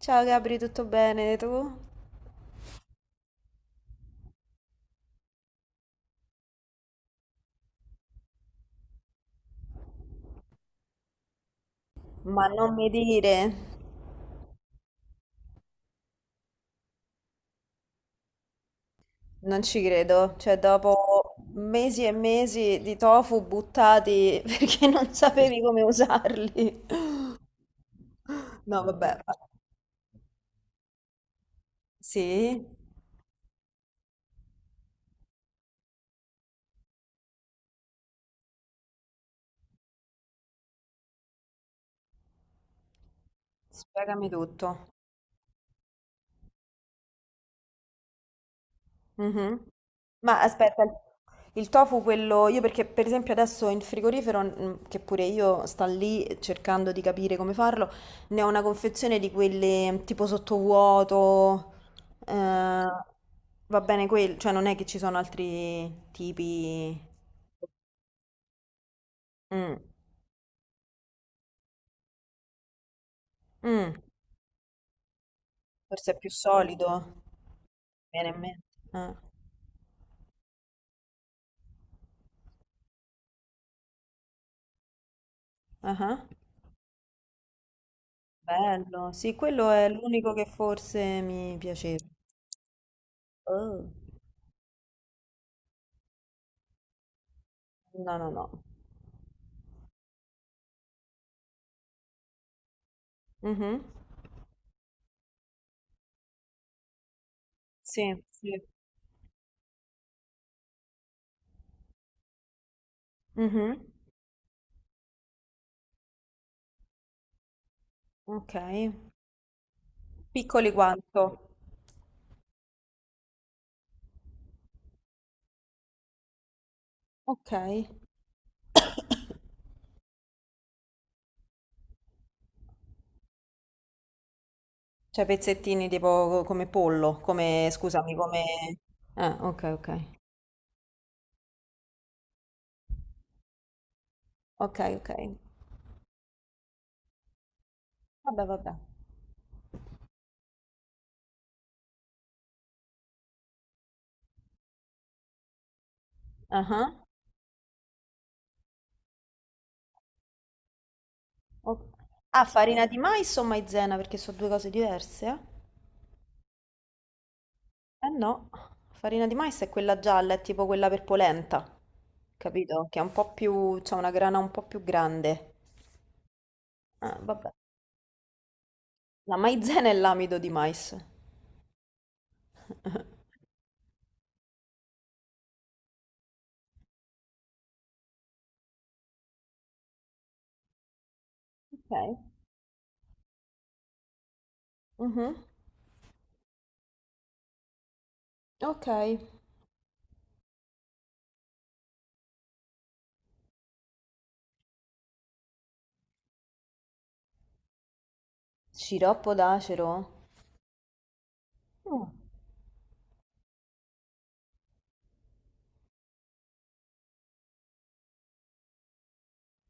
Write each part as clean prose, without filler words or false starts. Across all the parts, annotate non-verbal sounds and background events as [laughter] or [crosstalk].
Ciao Gabri, tutto bene tu? Ma non mi dire, non ci credo, cioè dopo mesi e mesi di tofu buttati [laughs] perché non sapevi come usarli. No, vabbè. Sì? Spiegami tutto. Mhm. Ma aspetta, il tofu quello, io perché per esempio adesso in frigorifero, che pure io sto lì cercando di capire come farlo, ne ho una confezione di quelle tipo sottovuoto, eh, va bene quel, cioè non è che ci sono altri tipi. Mm, mm, forse è più solido, viene in mente. Ah, ah, bello, sì, quello è l'unico che forse mi piaceva. Oh. No, no, no. Mhm. Sì, sì. Mhm. Ok. Piccoli quanto? Ok. Cioè pezzettini tipo come pollo, come, scusami, come. Ah, ok, ok. Ok, ok. Vabbè, vabbè. Ah, o- Ah, farina di mais o maizena? Perché sono due cose diverse, eh? Eh no, farina di mais è quella gialla, è tipo quella per polenta, capito? Che è un po' più, c'ha una grana un po' più grande. Ah, vabbè. La maizena e l'amido di mais. [laughs] Ok. Mhm. Ok. Sciroppo d'acero. Mm.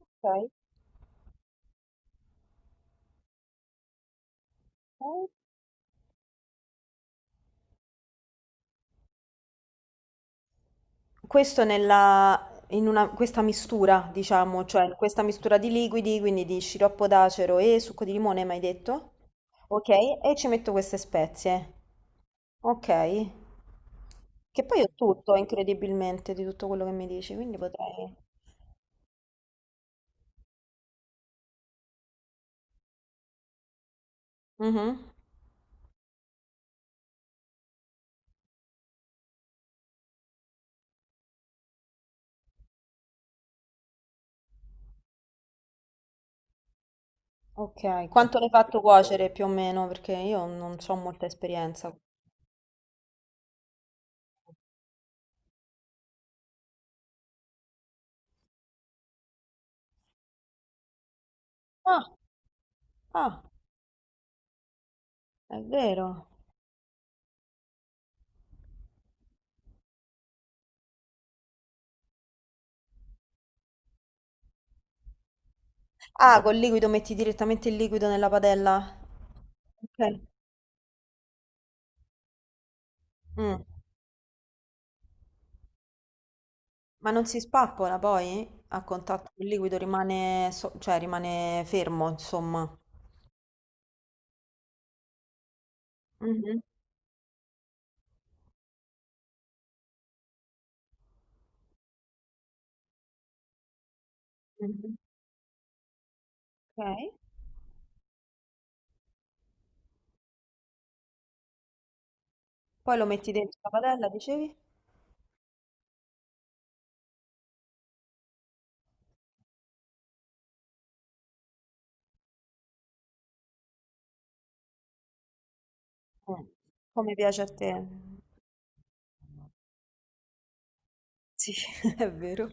Ok. Ok. Questo questa mistura, diciamo, cioè questa mistura di liquidi, quindi di sciroppo d'acero e succo di limone, mi hai detto? Ok, e ci metto queste spezie. Ok. Che poi ho tutto, incredibilmente, di tutto quello che mi dici, quindi potrei. Mhm. Ok, quanto l'hai fatto cuocere più o meno? Perché io non ho molta esperienza. Ah, ah, è vero. Ah, col liquido metti direttamente il liquido nella padella. Ok. Mm. Ma non si spappola poi? A contatto col liquido rimane, cioè rimane fermo, insomma. Mhm, mhm. Ok. Poi lo metti dentro la padella, dicevi? Mm. Come piace a te. Sì, [laughs] è vero.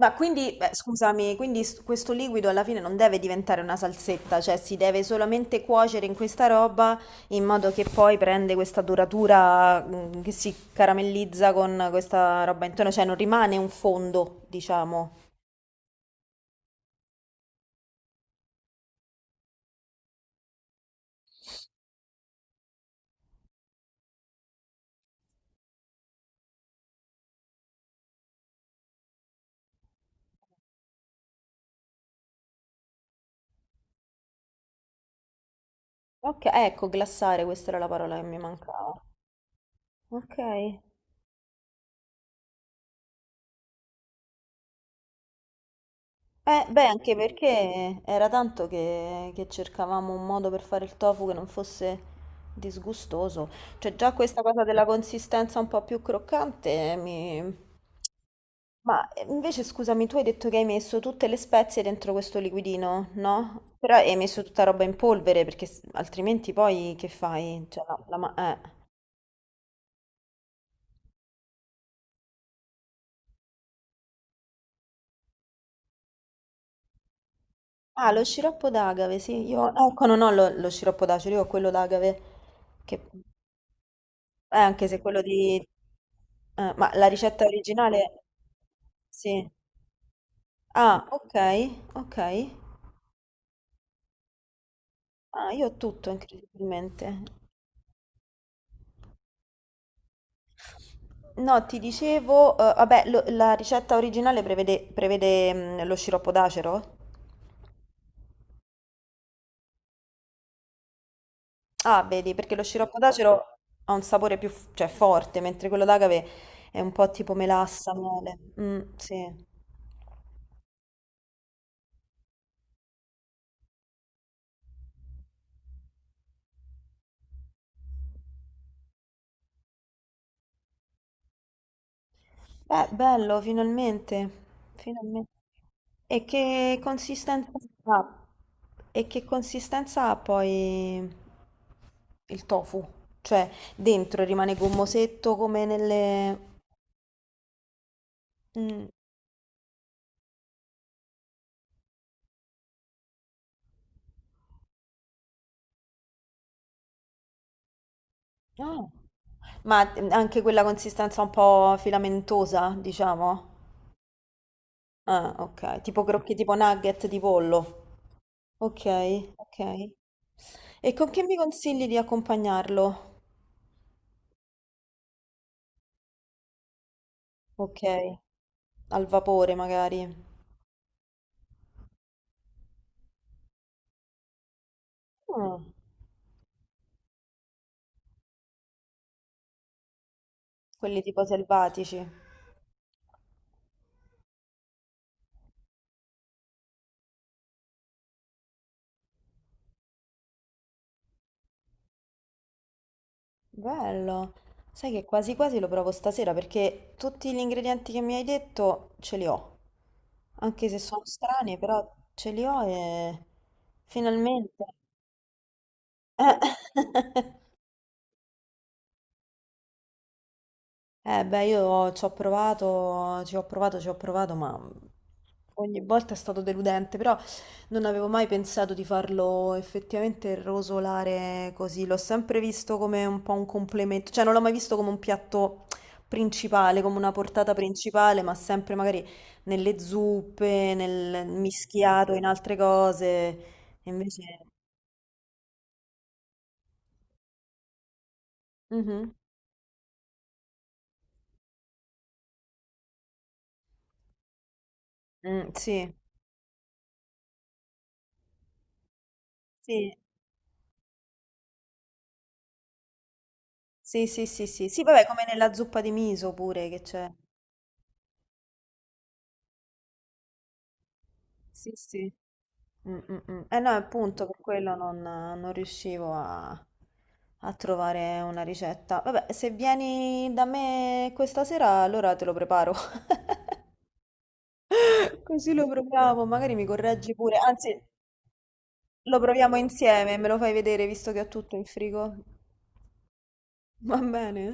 Ma quindi, beh, scusami, quindi questo liquido alla fine non deve diventare una salsetta, cioè si deve solamente cuocere in questa roba in modo che poi prende questa duratura, che si caramellizza con questa roba intorno, cioè non rimane un fondo, diciamo. Ok, ecco, glassare, questa era la parola che mi mancava. Ok. Beh, anche perché era tanto che, cercavamo un modo per fare il tofu che non fosse disgustoso. Cioè, già questa cosa della consistenza un po' più croccante mi. Ma invece, scusami, tu hai detto che hai messo tutte le spezie dentro questo liquidino, no? Però hai messo tutta roba in polvere, perché altrimenti poi che fai? Cioè, la. Ah, lo sciroppo d'agave, sì. Io, ecco, non ho lo sciroppo d'acero, io ho quello d'agave che. Anche se quello di. Ma la ricetta originale. Sì. Ah, ok, ok. Ah, io ho tutto, incredibilmente. No, ti dicevo, vabbè, la ricetta originale prevede, lo sciroppo d'acero? Ah, vedi, perché lo sciroppo d'acero ha un sapore più, cioè, forte, mentre quello d'agave è un po' tipo melassa, mele. Mm, sì. Beh, bello, finalmente. Finalmente. E che consistenza ha? E che consistenza ha poi il tofu? Cioè, dentro rimane gommosetto come nelle. Mm. Ah. Ma anche quella consistenza un po' filamentosa, diciamo? Ah, ok. Tipo crocchi, tipo nugget di pollo. Ok, ok. E con che mi consigli di accompagnarlo? Ok. Al vapore magari. Ah, quelli tipo selvatici. Bello. Sai che quasi quasi lo provo stasera perché tutti gli ingredienti che mi hai detto ce li ho. Anche se sono strani, però ce li ho e finalmente. Eh. [laughs] Eh beh, io ci ho provato, ci ho provato, ci ho provato, ma ogni volta è stato deludente, però non avevo mai pensato di farlo effettivamente rosolare così, l'ho sempre visto come un po' un complemento, cioè non l'ho mai visto come un piatto principale, come una portata principale, ma sempre magari nelle zuppe, nel mischiato, in altre cose, e invece. Mhm. Mm, sì, sì, sì, sì, sì, sì, sì, vabbè, come nella zuppa di miso pure che c'è. Sì, sì. Mm, mm, mm. Eh no, appunto, per quello non riuscivo a trovare una ricetta. Vabbè, se vieni da me questa sera, allora te lo preparo. [laughs] Così lo proviamo, magari mi correggi pure. Anzi, lo proviamo insieme, me lo fai vedere visto che ho tutto in frigo. Va bene?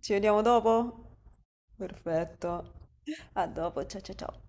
Ci vediamo dopo? Perfetto. A dopo, ciao ciao ciao.